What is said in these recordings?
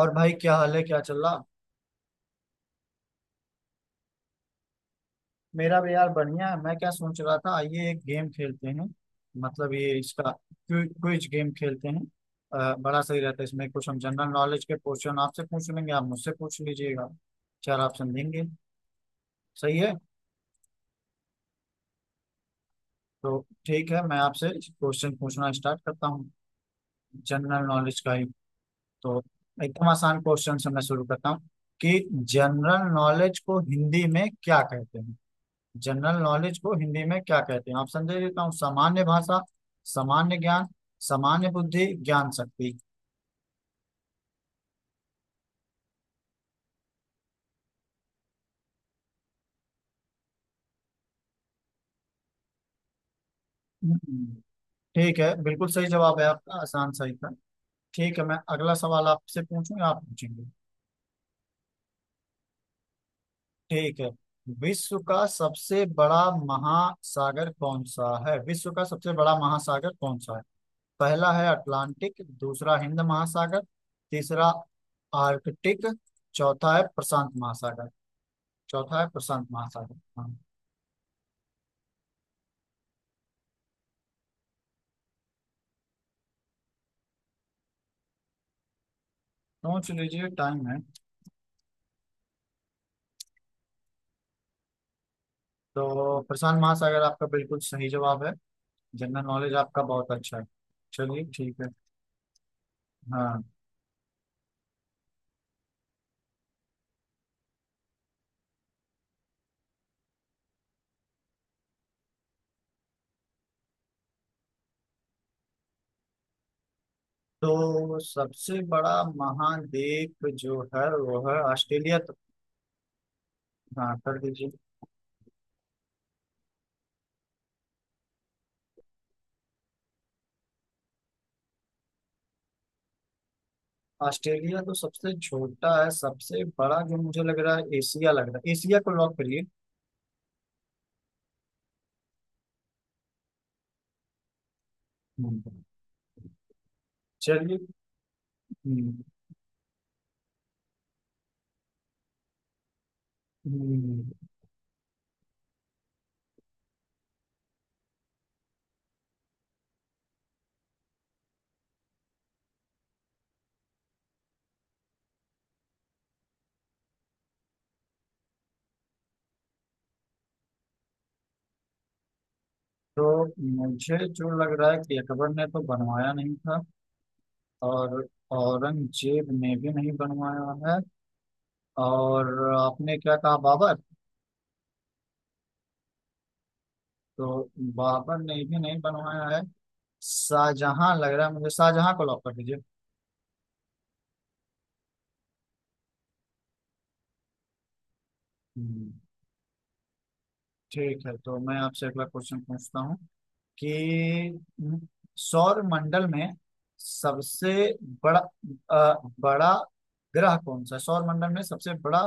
और भाई, क्या हाल है? क्या चल रहा? मेरा भी यार बढ़िया है। मैं क्या सोच रहा था, आइए एक गेम खेलते हैं। मतलब ये इसका क्विज गेम खेलते हैं। बड़ा सही रहता है। इसमें कुछ हम जनरल नॉलेज के क्वेश्चन आपसे पूछ लेंगे, आप मुझसे पूछ लीजिएगा। चार ऑप्शन देंगे। सही है? तो ठीक है, मैं आपसे क्वेश्चन पूछना स्टार्ट करता हूँ। जनरल नॉलेज का ही। तो एकदम आसान क्वेश्चन से मैं शुरू करता हूँ कि जनरल नॉलेज को हिंदी में क्या कहते हैं? जनरल नॉलेज को हिंदी में क्या कहते हैं? ऑप्शन दे देता हूँ। सामान्य भाषा, सामान्य ज्ञान, सामान्य बुद्धि, ज्ञान शक्ति। हम्म। ठीक है, बिल्कुल सही जवाब है आपका। आसान सही था। ठीक है, मैं अगला सवाल आपसे पूछूं या आप पूछेंगे? ठीक है। विश्व का सबसे बड़ा महासागर कौन सा है? विश्व का सबसे बड़ा महासागर कौन सा है? पहला है अटलांटिक, दूसरा हिंद महासागर, तीसरा आर्कटिक, चौथा है प्रशांत महासागर। चौथा है प्रशांत महासागर। हाँ, सोच लीजिए, टाइम है। तो प्रशांत महासागर आपका बिल्कुल सही जवाब है। जनरल नॉलेज आपका बहुत अच्छा है। चलिए, ठीक है। हाँ। तो सबसे बड़ा महाद्वीप जो है, वो है ऑस्ट्रेलिया, तो। हाँ, कर दीजिए। ऑस्ट्रेलिया तो सबसे छोटा है, सबसे बड़ा जो मुझे लग रहा है, एशिया लग रहा है। एशिया को लॉक करिए। हम्म। चलिए। हम्म। हम्म। तो मुझे जो लग रहा है कि अकबर ने तो बनवाया नहीं था, और औरंगजेब ने भी नहीं बनवाया है, और आपने क्या कहा, बाबर? तो बाबर ने भी नहीं बनवाया है। शाहजहां लग रहा है मुझे, शाहजहां को लॉक कर दीजिए। हम्म। ठीक है, तो मैं आपसे अगला क्वेश्चन पूछता हूँ कि सौर मंडल में सबसे बड़ा अ, बड़ा ग्रह कौन सा है? सौर मंडल में सबसे बड़ा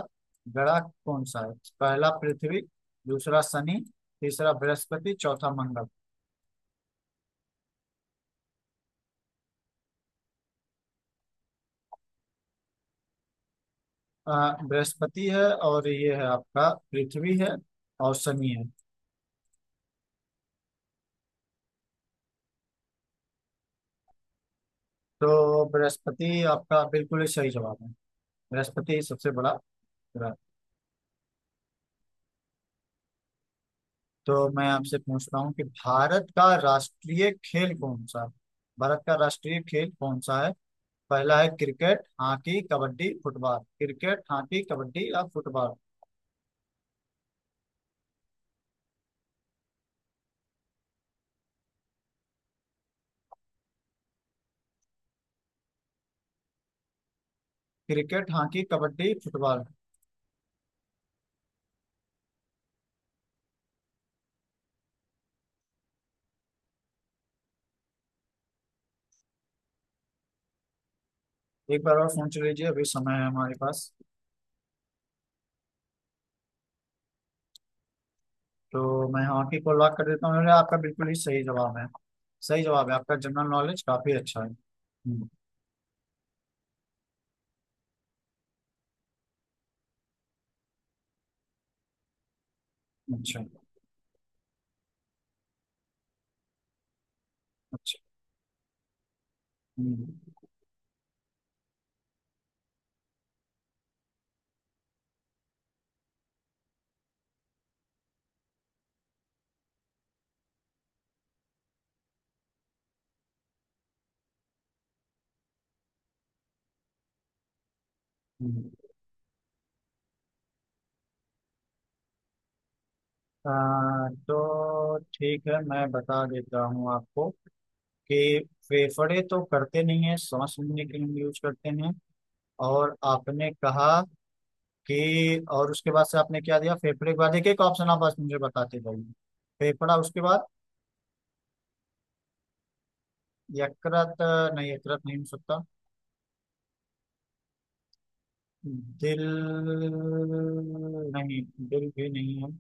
ग्रह कौन सा है? पहला पृथ्वी, दूसरा शनि, तीसरा बृहस्पति, चौथा मंगल। बृहस्पति है, और ये है आपका, पृथ्वी है, और शनि है। तो बृहस्पति आपका बिल्कुल ही सही जवाब है। बृहस्पति ही सबसे बड़ा ग्रह है। तो मैं आपसे पूछता हूँ कि भारत का राष्ट्रीय खेल कौन सा है? भारत का राष्ट्रीय खेल कौन सा है? पहला है cricket, hockey, kabaddi, football. Cricket, hockey, kabaddi या football? Cricket, hockey, kabaddi, football. एक बार और फोन चल लीजिए, अभी समय है हमारे पास। तो मैं हाँ की को लॉक कर देता हूँ। उन्होंने आपका बिल्कुल ही सही जवाब है। सही जवाब है आपका, जनरल नॉलेज काफी अच्छा है। हम्म। अच्छा, अच्छा। हम्म। हम्म। तो ठीक है, मैं बता देता हूँ आपको कि फेफड़े तो करते नहीं है, सांस लेने के लिए यूज करते हैं। और आपने कहा कि, और उसके बाद से आपने क्या दिया? फेफड़े के बाद एक एक ऑप्शन आप बस मुझे बताते जाइए। फेफड़ा, उसके बाद? यकृत नहीं, यकृत नहीं हो सकता। दिल? नहीं, दिल भी नहीं है।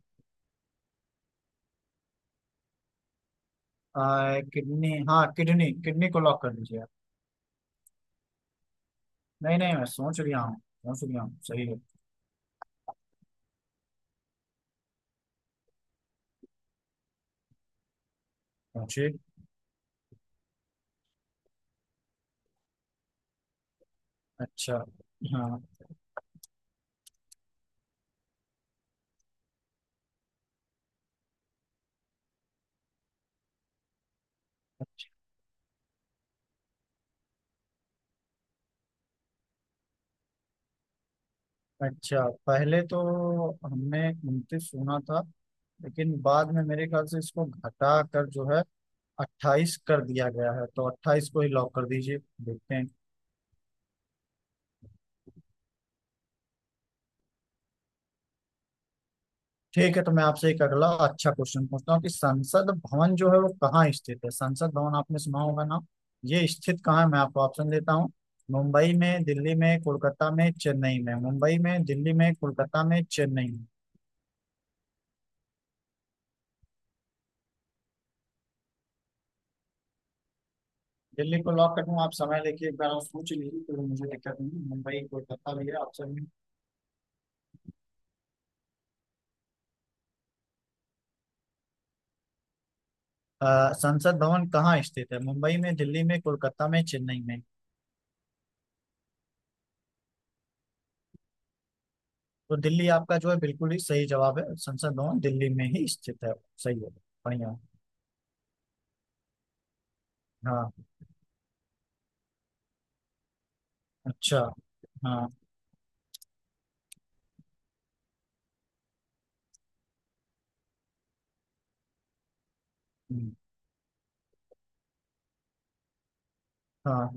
किडनी, हाँ किडनी, किडनी को लॉक कर दीजिए आप। नहीं नहीं, मैं सोच रहा हूँ। सोच रहा हूँ, सही है। जी। अच्छा। हाँ। अच्छा, पहले तो हमने 29 सुना था, लेकिन बाद में मेरे ख्याल से इसको घटा कर जो है, 28 कर दिया गया है। तो 28 को ही लॉक कर दीजिए, देखते हैं। ठीक है, तो मैं आपसे एक अगला अच्छा क्वेश्चन पूछता हूँ कि संसद भवन जो है वो कहाँ स्थित है? संसद भवन आपने सुना होगा ना? ये स्थित कहाँ है? मैं आपको ऑप्शन देता हूँ। मुंबई में, दिल्ली में, कोलकाता में, चेन्नई में? मुंबई में, दिल्ली में, कोलकाता में, चेन्नई में? दिल्ली को लॉक कर दूं? आप समय लेके एक बार और सोच लीजिए, तो मुझे दिक्कत नहीं है। मुंबई, कोलकाता भी है ऑप्शन में। संसद भवन कहाँ स्थित है? मुंबई में, दिल्ली में, कोलकाता में, चेन्नई में? तो दिल्ली आपका जो है बिल्कुल ही सही जवाब है। संसद भवन दिल्ली में ही स्थित है। सही है। बढ़िया। हाँ। अच्छा। हाँ। हम्म। हाँ।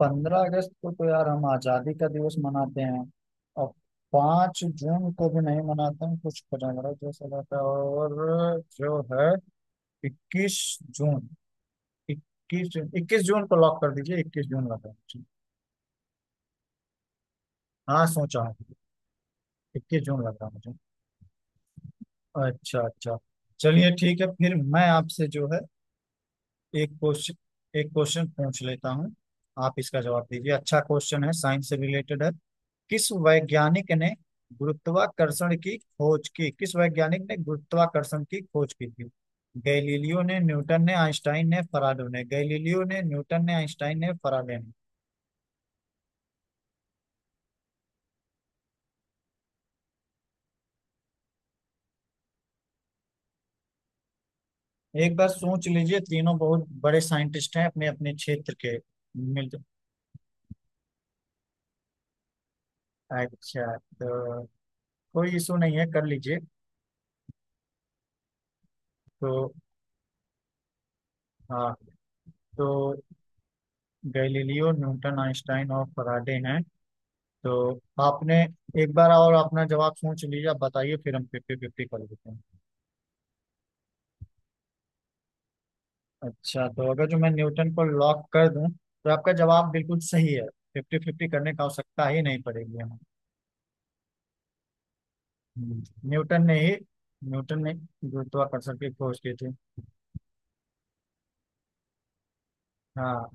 15 अगस्त को तो यार हम आज़ादी का दिवस मनाते हैं, और 5 जून को भी नहीं मनाते हैं, कुछ पंद्रह जैसा रहता है। और जो है, 21 जून। 21 जून, 21 जून को लॉक कर दीजिए। 21 जून लगा मुझे। हाँ, सोचा हूँ। 21 जून लगा मुझे। अच्छा, अच्छा। चलिए ठीक है, फिर मैं आपसे जो है एक क्वेश्चन, एक क्वेश्चन पूछ लेता हूँ। आप इसका जवाब दीजिए। अच्छा क्वेश्चन है, साइंस से रिलेटेड है। किस वैज्ञानिक ने गुरुत्वाकर्षण की खोज की? किस वैज्ञानिक ने गुरुत्वाकर्षण की खोज की थी? गैलीलियो ने, न्यूटन ने, आइंस्टाइन ने, फराडे ने? गैलीलियो ने, न्यूटन ने, आइंस्टाइन ने, फराडे ने? एक बार सोच लीजिए, तीनों बहुत बड़े साइंटिस्ट हैं अपने अपने क्षेत्र के। मिल, अच्छा, तो कोई इशू नहीं है, कर लीजिए। तो हाँ, तो गैलीलियो, न्यूटन, आइंस्टाइन और फराडे हैं। तो आपने, एक बार और अपना जवाब सोच लीजिए, आप बताइए, फिर हम फिफ्टी फिफ्टी कर लेते हैं। अच्छा, तो अगर जो मैं न्यूटन को लॉक कर दूं, तो आपका जवाब बिल्कुल सही है। फिफ्टी फिफ्टी करने का आवश्यकता ही नहीं पड़ेगी हमें। हम्म। न्यूटन ने ही, न्यूटन ने गुरुत्वाकर्षण की खोज की थी। हाँ,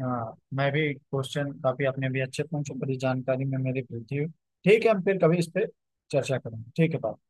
हाँ, मैं भी क्वेश्चन, काफी आपने भी अच्छे पूछे, बड़ी जानकारी में मेरी वृद्धि हुई। ठीक है, हम फिर कभी इस पे चर्चा करेंगे। ठीक है, बाय।